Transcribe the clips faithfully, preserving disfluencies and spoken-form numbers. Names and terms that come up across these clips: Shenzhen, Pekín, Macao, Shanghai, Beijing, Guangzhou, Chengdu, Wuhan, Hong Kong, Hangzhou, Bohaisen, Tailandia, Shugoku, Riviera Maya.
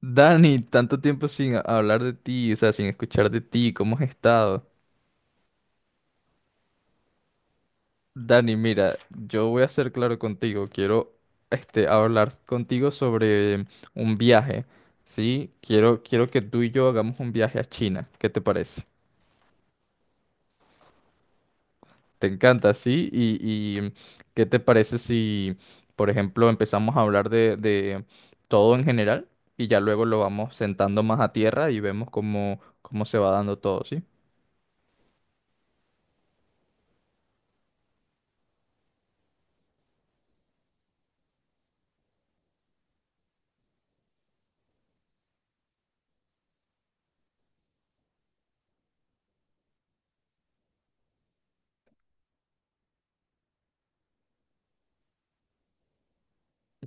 Dani, tanto tiempo sin a- hablar de ti, o sea, sin escuchar de ti, ¿cómo has estado? Dani, mira, yo voy a ser claro contigo, quiero este, hablar contigo sobre un viaje, ¿sí? Quiero, quiero que tú y yo hagamos un viaje a China, ¿qué te parece? ¿Te encanta, sí? ¿Y, y qué te parece si, por ejemplo, empezamos a hablar de, de todo en general y ya luego lo vamos sentando más a tierra y vemos cómo, cómo se va dando todo, ¿sí?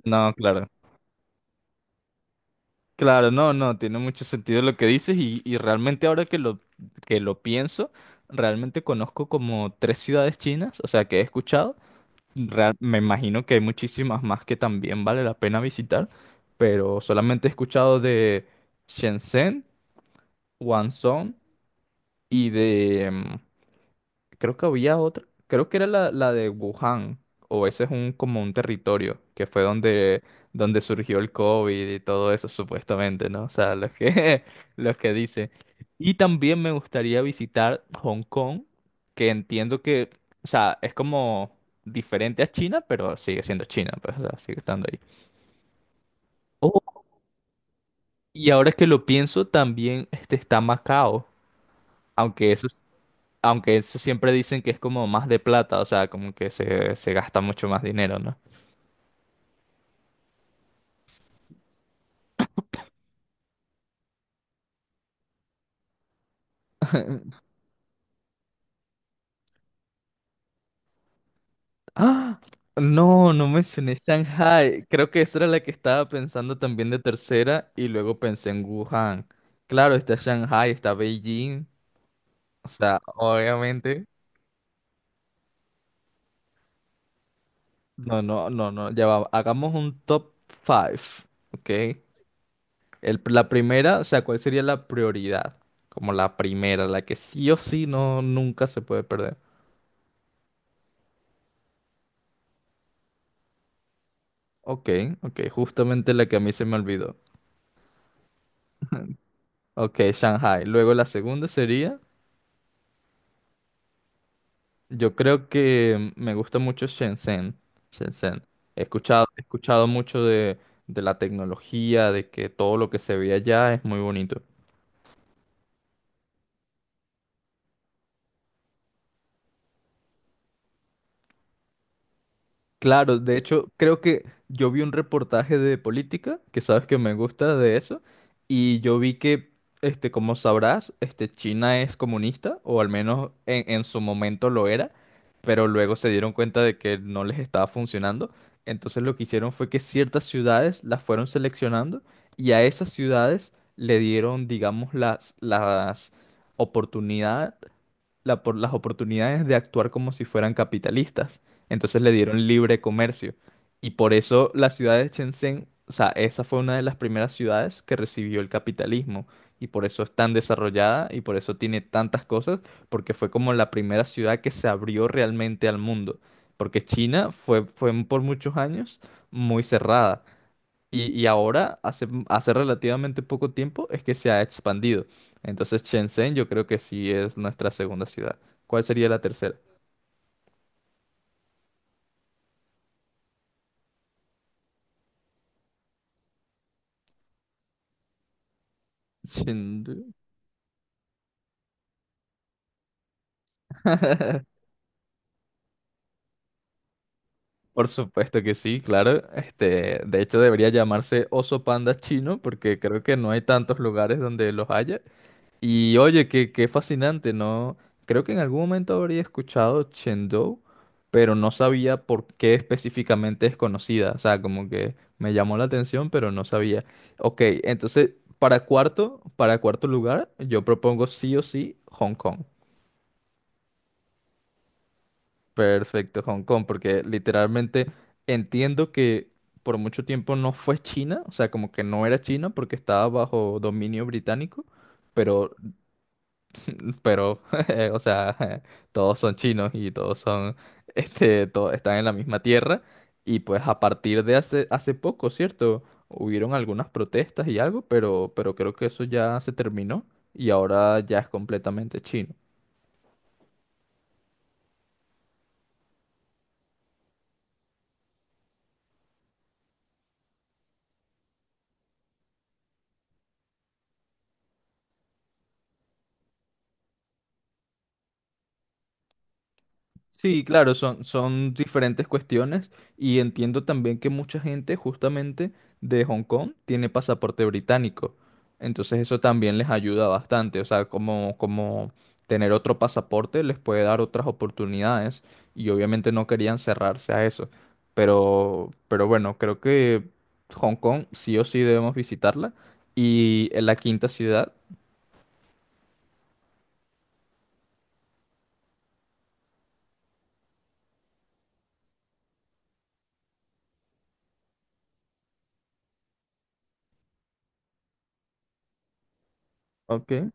No, claro. Claro, no, no, tiene mucho sentido lo que dices y, y realmente ahora que lo, que lo pienso, realmente conozco como tres ciudades chinas, o sea, que he escuchado. Real- me imagino que hay muchísimas más que también vale la pena visitar, pero solamente he escuchado de Shenzhen, Guangzhou. y de em, Creo que había otra. Creo que era la, la de Wuhan. O ese es un como un territorio que fue donde, donde surgió el COVID y todo eso, supuestamente, ¿no? O sea, los que, los que dicen. Y también me gustaría visitar Hong Kong, que entiendo que, o sea, es como diferente a China, pero sigue siendo China, pues, o sea, sigue estando ahí. Oh, y ahora que lo pienso, también este, está Macao. Aunque eso Aunque eso siempre dicen que es como más de plata, o sea, como que se, se gasta mucho más dinero, ¿no? ¡Ah! No, no mencioné Shanghai. Creo que esa era la que estaba pensando también de tercera y luego pensé en Wuhan. Claro, está Shanghai, está Beijing. O sea, obviamente. No, no, no, no. Ya va. Hagamos un top five, ¿ok? El- la primera, o sea, ¿cuál sería la prioridad? Como la primera, la que sí o sí no, nunca se puede perder. Ok, ok, justamente la que a mí se me olvidó. Ok, Shanghai. Luego la segunda sería, yo creo que me gusta mucho Shenzhen. Shenzhen. He escuchado, he escuchado mucho de, de la tecnología, de que todo lo que se ve allá es muy bonito. Claro, de hecho, creo que yo vi un reportaje de política, que sabes que me gusta de eso, y yo vi que, este, como sabrás, este, China es comunista, o al menos en, en su momento lo era, pero luego se dieron cuenta de que no les estaba funcionando. Entonces lo que hicieron fue que ciertas ciudades las fueron seleccionando y a esas ciudades le dieron, digamos, las, las oportunidades la por- las oportunidades de actuar como si fueran capitalistas. Entonces le dieron libre comercio. Y por eso la ciudad de Shenzhen, o sea, esa fue una de las primeras ciudades que recibió el capitalismo. Y por eso es tan desarrollada y por eso tiene tantas cosas, porque fue como la primera ciudad que se abrió realmente al mundo. Porque China fue, fue por muchos años muy cerrada. Y, y ahora, hace, hace relativamente poco tiempo, es que se ha expandido. Entonces, Shenzhen yo creo que sí es nuestra segunda ciudad. ¿Cuál sería la tercera? Chengdu. Por supuesto que sí, claro. Este, de hecho, debería llamarse oso panda chino porque creo que no hay tantos lugares donde los haya. Y oye, qué, qué fascinante, ¿no? Creo que en algún momento habría escuchado Chengdu, pero no sabía por qué específicamente es conocida. O sea, como que me llamó la atención, pero no sabía. Ok, entonces, para cuarto, para cuarto lugar, yo propongo sí o sí Hong Kong. Perfecto, Hong Kong, porque literalmente entiendo que por mucho tiempo no fue China, o sea, como que no era China porque estaba bajo dominio británico, pero pero, o sea, todos son chinos y todos son, este, todos están en la misma tierra. Y pues a partir de hace, hace poco, ¿cierto? Hubieron algunas protestas y algo, pero, pero creo que eso ya se terminó y ahora ya es completamente chino. Sí, claro, son, son diferentes cuestiones y entiendo también que mucha gente justamente de Hong Kong tiene pasaporte británico. Entonces eso también les ayuda bastante, o sea, como, como tener otro pasaporte les puede dar otras oportunidades y obviamente no querían cerrarse a eso. Pero, pero bueno, creo que Hong Kong sí o sí debemos visitarla y en la quinta ciudad. Ok.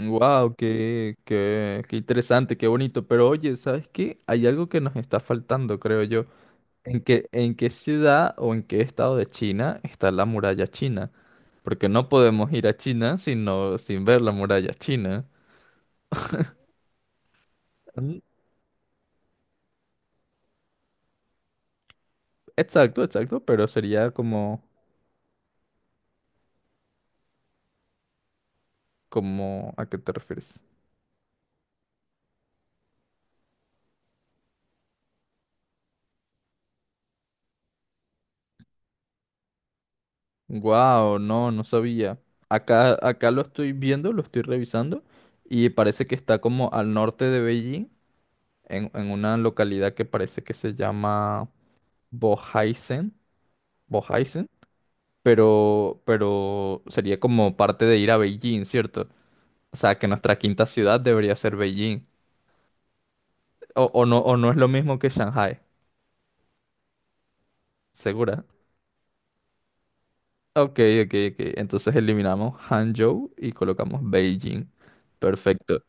Wow, qué, qué, qué interesante, qué bonito. Pero oye, ¿sabes qué? Hay algo que nos está faltando, creo yo. ¿En qué, en qué ciudad o en qué estado de China está la muralla china? Porque no podemos ir a China sino sin ver la muralla china. Mm. Exacto, exacto, pero sería como, como, ¿a qué te refieres? Wow, no, no sabía. Acá, acá lo estoy viendo, lo estoy revisando y parece que está como al norte de Beijing en, en una localidad que parece que se llama Bohaisen, Bohaisen, pero, pero sería como parte de ir a Beijing, ¿cierto? O sea, que nuestra quinta ciudad debería ser Beijing. O, o no, o no es lo mismo que Shanghai, ¿segura? Ok, ok, ok. Entonces eliminamos Hangzhou y colocamos Beijing. Perfecto.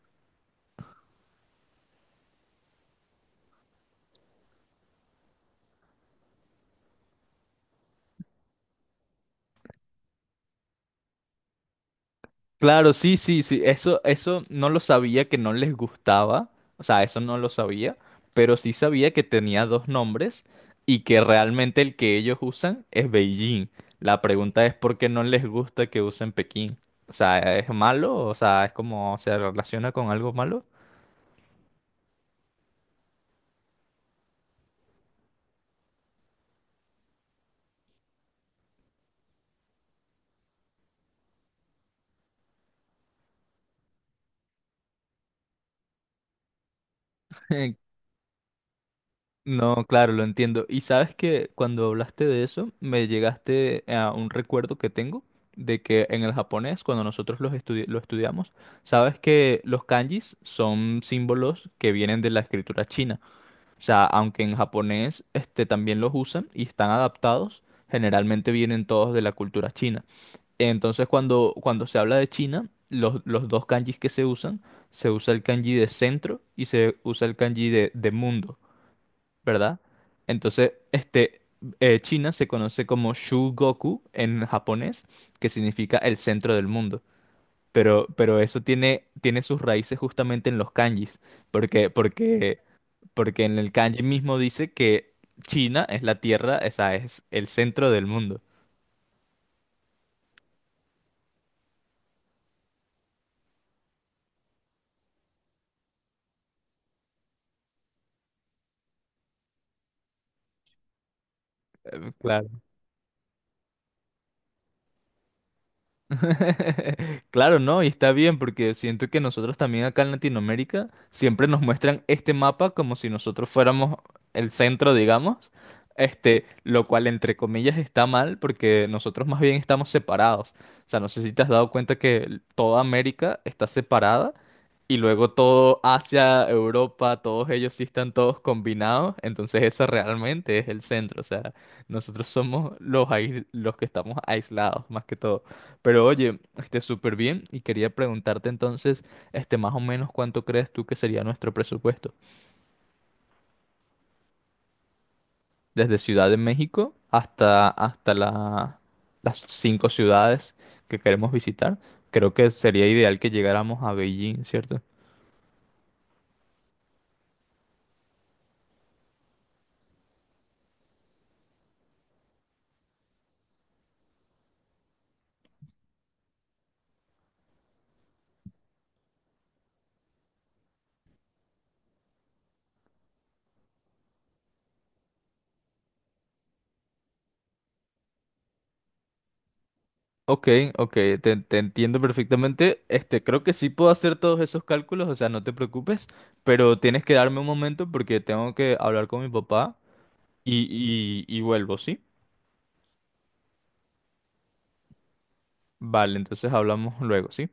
Claro, sí, sí, sí, eso, eso no lo sabía que no les gustaba, o sea, eso no lo sabía, pero sí sabía que tenía dos nombres y que realmente el que ellos usan es Beijing. La pregunta es por qué no les gusta que usen Pekín. O sea, ¿es malo? O sea, ¿es como se relaciona con algo malo? No, claro, lo entiendo. Y sabes que cuando hablaste de eso, me llegaste a un recuerdo que tengo de que en el japonés, cuando nosotros los estudi- lo estudiamos, sabes que los kanjis son símbolos que vienen de la escritura china. O sea, aunque en japonés este, también los usan y están adaptados, generalmente vienen todos de la cultura china. Entonces, cuando, cuando se habla de China, los, los dos kanjis que se usan, se usa el kanji de centro y se usa el kanji de de mundo, ¿verdad? Entonces, este, eh, China se conoce como Shugoku en japonés, que significa el centro del mundo. Pero, pero eso tiene, tiene, sus raíces justamente en los kanjis, porque, porque, porque en el kanji mismo dice que China es la tierra, esa es el centro del mundo. Eh, Claro. Claro, ¿no? Y está bien porque siento que nosotros también acá en Latinoamérica siempre nos muestran este mapa como si nosotros fuéramos el centro, digamos, este, lo cual entre comillas está mal porque nosotros más bien estamos separados. O sea, no sé si te has dado cuenta que toda América está separada y luego todo Asia, Europa, todos ellos sí están todos combinados, entonces ese realmente es el centro. O sea, nosotros somos los, ais- los que estamos aislados más que todo. Pero oye, este, súper bien y quería preguntarte entonces, este, más o menos cuánto crees tú que sería nuestro presupuesto, desde Ciudad de México hasta, hasta la- las cinco ciudades que queremos visitar. Creo que sería ideal que llegáramos a Beijing, ¿cierto? Ok, ok, te, te entiendo perfectamente. Este, creo que sí puedo hacer todos esos cálculos, o sea, no te preocupes, pero tienes que darme un momento porque tengo que hablar con mi papá y, y y vuelvo, ¿sí? Vale, entonces hablamos luego, ¿sí?